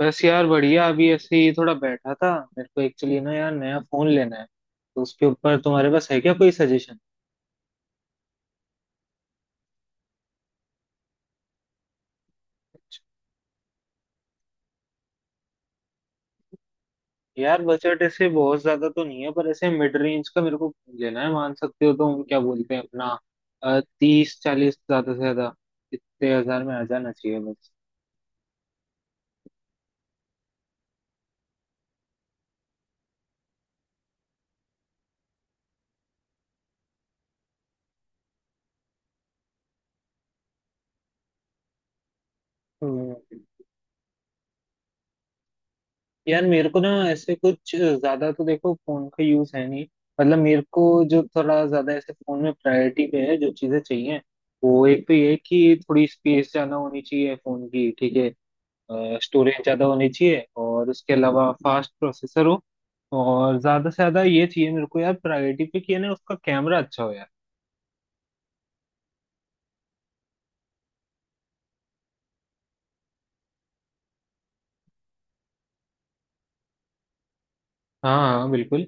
बस यार बढ़िया। अभी ऐसे ही थोड़ा बैठा था। मेरे को एक्चुअली ना यार नया फोन लेना है, तो उसके ऊपर तुम्हारे पास है क्या कोई सजेशन? यार बजट ऐसे बहुत ज्यादा तो नहीं है, पर ऐसे मिड रेंज का मेरे को लेना है, मान सकते हो। तुम क्या बोलते हैं अपना तीस चालीस ज्यादा से ज्यादा, इतने हजार में आ जाना चाहिए बस। हम्म। यार मेरे को ना ऐसे कुछ ज्यादा तो देखो फोन का यूज है नहीं, मतलब मेरे को जो थोड़ा ज्यादा ऐसे फोन में प्रायोरिटी पे है जो चीजें चाहिए, वो एक तो ये है कि थोड़ी स्पेस ज्यादा होनी चाहिए फोन की, ठीक है। स्टोरेज ज्यादा होनी चाहिए, और उसके अलावा फास्ट प्रोसेसर हो, और ज्यादा से ज्यादा ये चाहिए मेरे को यार प्रायोरिटी पे कि है ना उसका कैमरा अच्छा हो यार। हाँ हाँ बिल्कुल।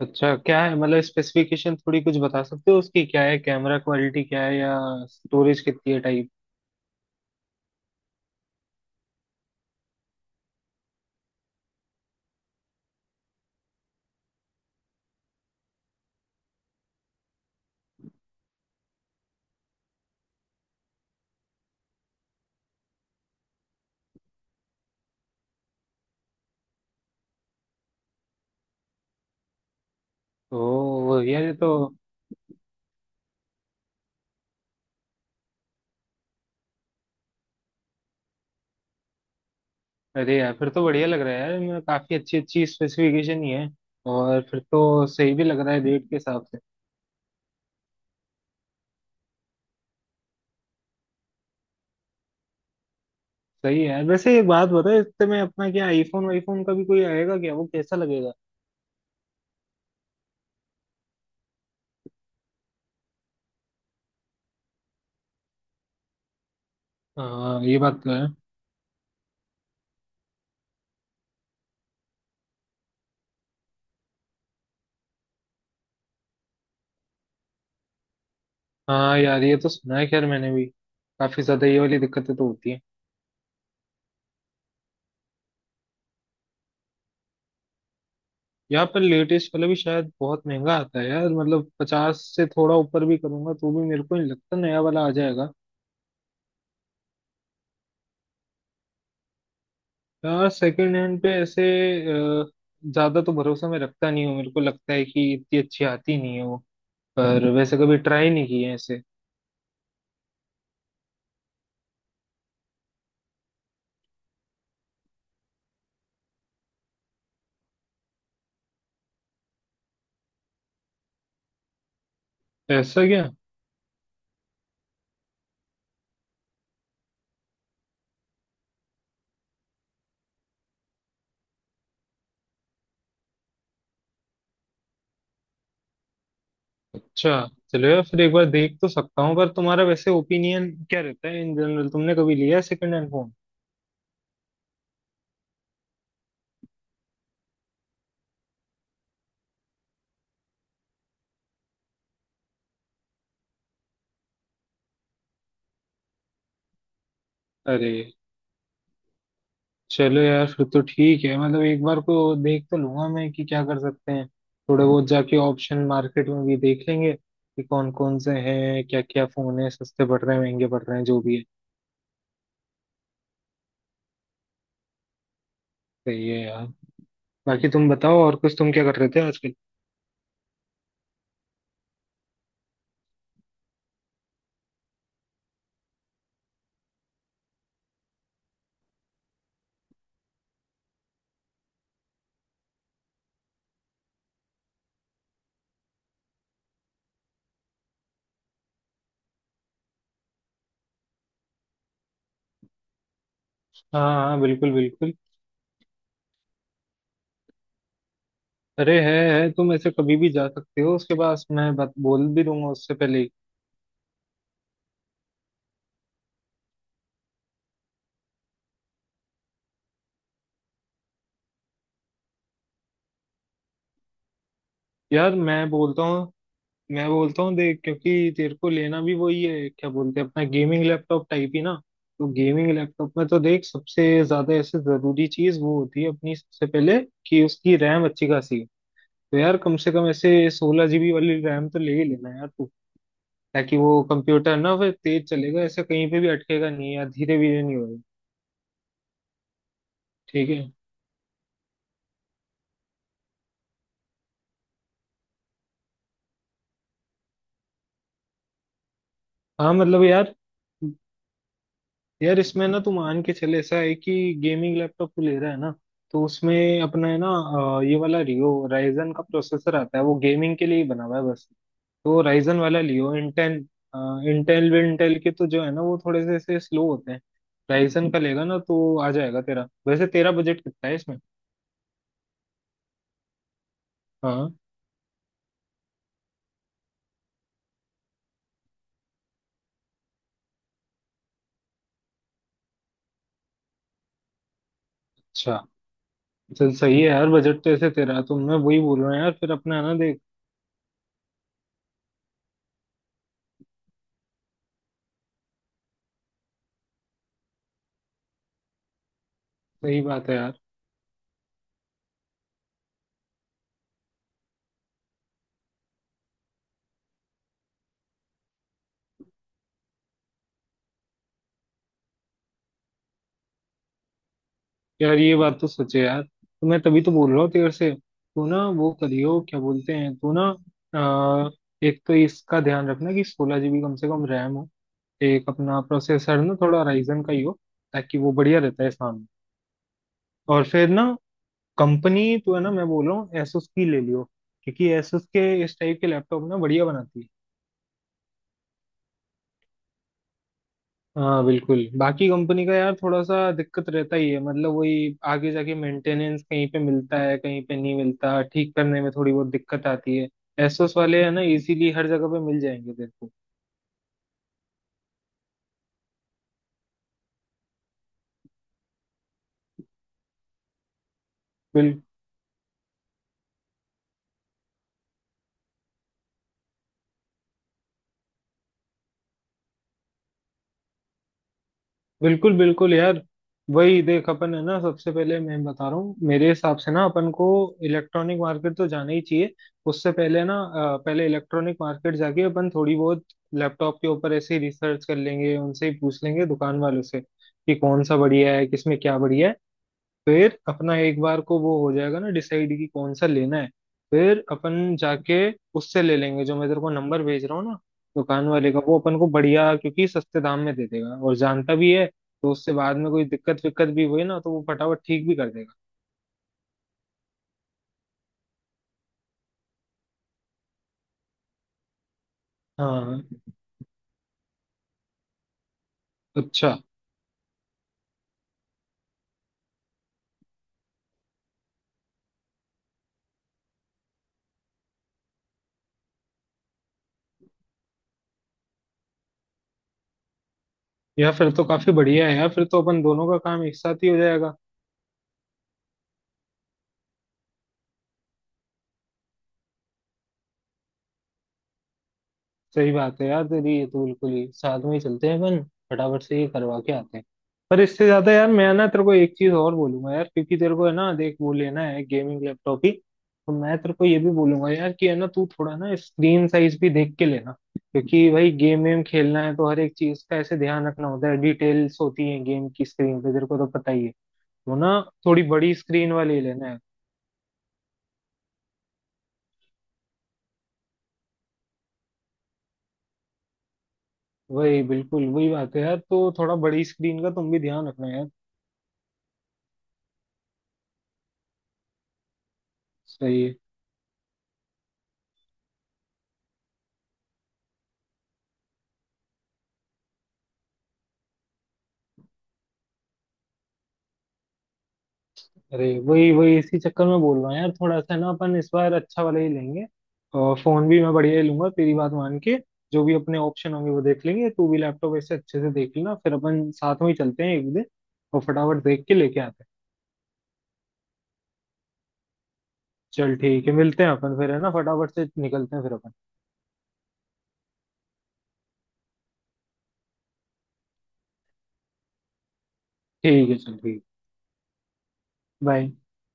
अच्छा क्या है मतलब स्पेसिफिकेशन थोड़ी कुछ बता सकते हो उसकी? क्या है कैमरा क्वालिटी, क्या है या स्टोरेज कितनी है? ओ यार ये तो। अरे यार फिर तो बढ़िया लग रहा है यार, इनमें काफी अच्छी अच्छी स्पेसिफिकेशन ही है। और फिर तो सही भी लग रहा है रेट के हिसाब से। सही है यार। वैसे एक बात बता, इससे में अपना क्या आईफोन वाईफोन का भी कोई आएगा क्या? वो कैसा लगेगा? हाँ ये बात तो है। हाँ यार ये तो सुना है, खैर मैंने भी काफी ज्यादा ये वाली दिक्कतें तो होती हैं। यहाँ पर लेटेस्ट वाला भी शायद बहुत महंगा आता है यार, मतलब पचास से थोड़ा ऊपर भी करूंगा तो भी मेरे को नहीं लगता नया वाला आ जाएगा। यार सेकंड हैंड पे ऐसे अ, ज्यादा तो भरोसा मैं रखता नहीं हूँ, मेरे को लगता है कि इतनी अच्छी आती नहीं है वो। पर वैसे कभी ट्राई नहीं की है ऐसे। ऐसा क्या। अच्छा। चलो यार फिर एक बार देख तो सकता हूँ, पर तुम्हारा वैसे ओपिनियन क्या रहता है इन जनरल? तुमने कभी लिया सेकंड हैंड फोन? अरे चलो यार फिर तो ठीक है, मतलब एक बार को देख तो लूंगा मैं कि क्या कर सकते हैं। थोड़े बहुत जाके ऑप्शन मार्केट में भी देख लेंगे कि कौन कौन से हैं, क्या क्या फोन है, सस्ते पड़ रहे हैं महंगे पड़ रहे हैं जो भी है। सही है यार। बाकी तुम बताओ, और कुछ तुम क्या कर रहे थे आजकल? हाँ हाँ, बिल्कुल बिल्कुल। अरे है, तुम ऐसे कभी भी जा सकते हो उसके पास, मैं बोल भी दूंगा उससे पहले ही। यार मैं बोलता हूँ, मैं बोलता हूँ देख, क्योंकि तेरे को लेना भी वही है क्या बोलते हैं अपना गेमिंग लैपटॉप टाइप ही ना। तो गेमिंग लैपटॉप में तो देख सबसे ज्यादा ऐसे जरूरी चीज वो होती है अपनी सबसे पहले कि उसकी रैम अच्छी खासी हो। तो यार कम से कम ऐसे 16 GB वाली रैम तो ले ही लेना यार तू, ताकि वो कंप्यूटर ना फिर तेज चलेगा, ऐसे कहीं पे भी अटकेगा नहीं या धीरे धीरे नहीं होगा। ठीक है। हाँ मतलब यार, यार इसमें ना तू मान के चले ऐसा है कि गेमिंग लैपटॉप तू ले रहा है ना, तो उसमें अपना है ना ये वाला रियो राइजन का प्रोसेसर आता है, वो गेमिंग के लिए ही बना हुआ है बस। तो राइजन वाला लियो, इंटेल इंटेल विंटेल के तो जो है ना वो थोड़े से ऐसे स्लो होते हैं। राइजन का लेगा ना तो आ जाएगा तेरा। वैसे तेरा बजट कितना है इसमें? हाँ। अच्छा। चल सही है यार, बजट तो ऐसे तेरा तो मैं वही बोल रहा हूँ यार, फिर अपना है ना देख। सही बात है यार। यार ये बात तो सोचे यार, तो मैं तभी तो बोल रहा हूँ तेरे से तू ना वो करियो क्या बोलते हैं तू ना अ, एक तो इसका ध्यान रखना कि 16 GB कम से कम रैम हो। एक अपना प्रोसेसर ना थोड़ा राइजन का ही हो, ताकि वो बढ़िया रहता है सामने। और फिर ना कंपनी तो है ना मैं बोल रहा हूँ एसोस की ले लियो, क्योंकि एसोस के इस टाइप के लैपटॉप ना बढ़िया बनाती है। हाँ बिल्कुल, बाकी कंपनी का यार थोड़ा सा दिक्कत रहता ही है, मतलब वही आगे जाके मेंटेनेंस कहीं पे मिलता है कहीं पे नहीं मिलता, ठीक करने में थोड़ी बहुत दिक्कत आती है। एसोस वाले है ना इजीली हर जगह पे मिल जाएंगे तेरे को। बिल्कुल बिल्कुल यार, वही देख अपन है ना सबसे पहले मैं बता रहा हूँ मेरे हिसाब से ना अपन को इलेक्ट्रॉनिक मार्केट तो जाना ही चाहिए। उससे पहले ना पहले इलेक्ट्रॉनिक मार्केट जाके अपन थोड़ी बहुत लैपटॉप के ऊपर ऐसे ही रिसर्च कर लेंगे, उनसे ही पूछ लेंगे दुकान वालों से कि कौन सा बढ़िया है, किसमें क्या बढ़िया है। फिर अपना एक बार को वो हो जाएगा ना डिसाइड कि कौन सा लेना है, फिर अपन जाके उससे ले लेंगे जो मैं तेरे को नंबर भेज रहा हूँ ना दुकान वाले का। वो अपन को बढ़िया क्योंकि सस्ते दाम में दे देगा और जानता भी है, तो उससे बाद में कोई दिक्कत विक्कत भी हुई ना तो वो फटाफट ठीक भी कर देगा। हाँ। अच्छा। या फिर तो काफी बढ़िया है यार, फिर तो अपन दोनों का काम एक साथ ही हो जाएगा। सही बात है यार तेरी, ये तो बिल्कुल ही साथ में ही चलते हैं अपन, फटाफट से ये करवा के आते हैं। पर इससे ज्यादा यार मैं ना तेरे को एक चीज और बोलूंगा यार, क्योंकि तेरे को है ना देख वो लेना है गेमिंग लैपटॉप ही, तो मैं तेरे को ये भी बोलूंगा यार कि है ना तू थोड़ा ना स्क्रीन साइज भी देख के लेना, क्योंकि भाई गेम वेम खेलना है तो हर एक चीज का ऐसे ध्यान रखना होता है, डिटेल्स होती है गेम की स्क्रीन पे तेरे को तो पता ही है, तो ना थोड़ी बड़ी स्क्रीन वाली ही लेना है। वही बिल्कुल वही बात है यार, तो थोड़ा बड़ी स्क्रीन का तुम भी ध्यान रखना यार। सही है। अरे वही वही, इसी चक्कर में बोल रहा हूँ यार, थोड़ा सा ना अपन इस बार अच्छा वाला ही लेंगे, और फोन भी मैं बढ़िया ही लूंगा तेरी बात मान के। जो भी अपने ऑप्शन होंगे वो देख लेंगे, तू भी लैपटॉप ऐसे अच्छे से देख लेना, फिर अपन साथ में ही चलते हैं एक दिन और फटाफट देख के लेके आते हैं। चल ठीक है, मिलते हैं अपन फिर, है ना फटाफट से निकलते हैं फिर अपन। ठीक है, चल ठीक। बाय।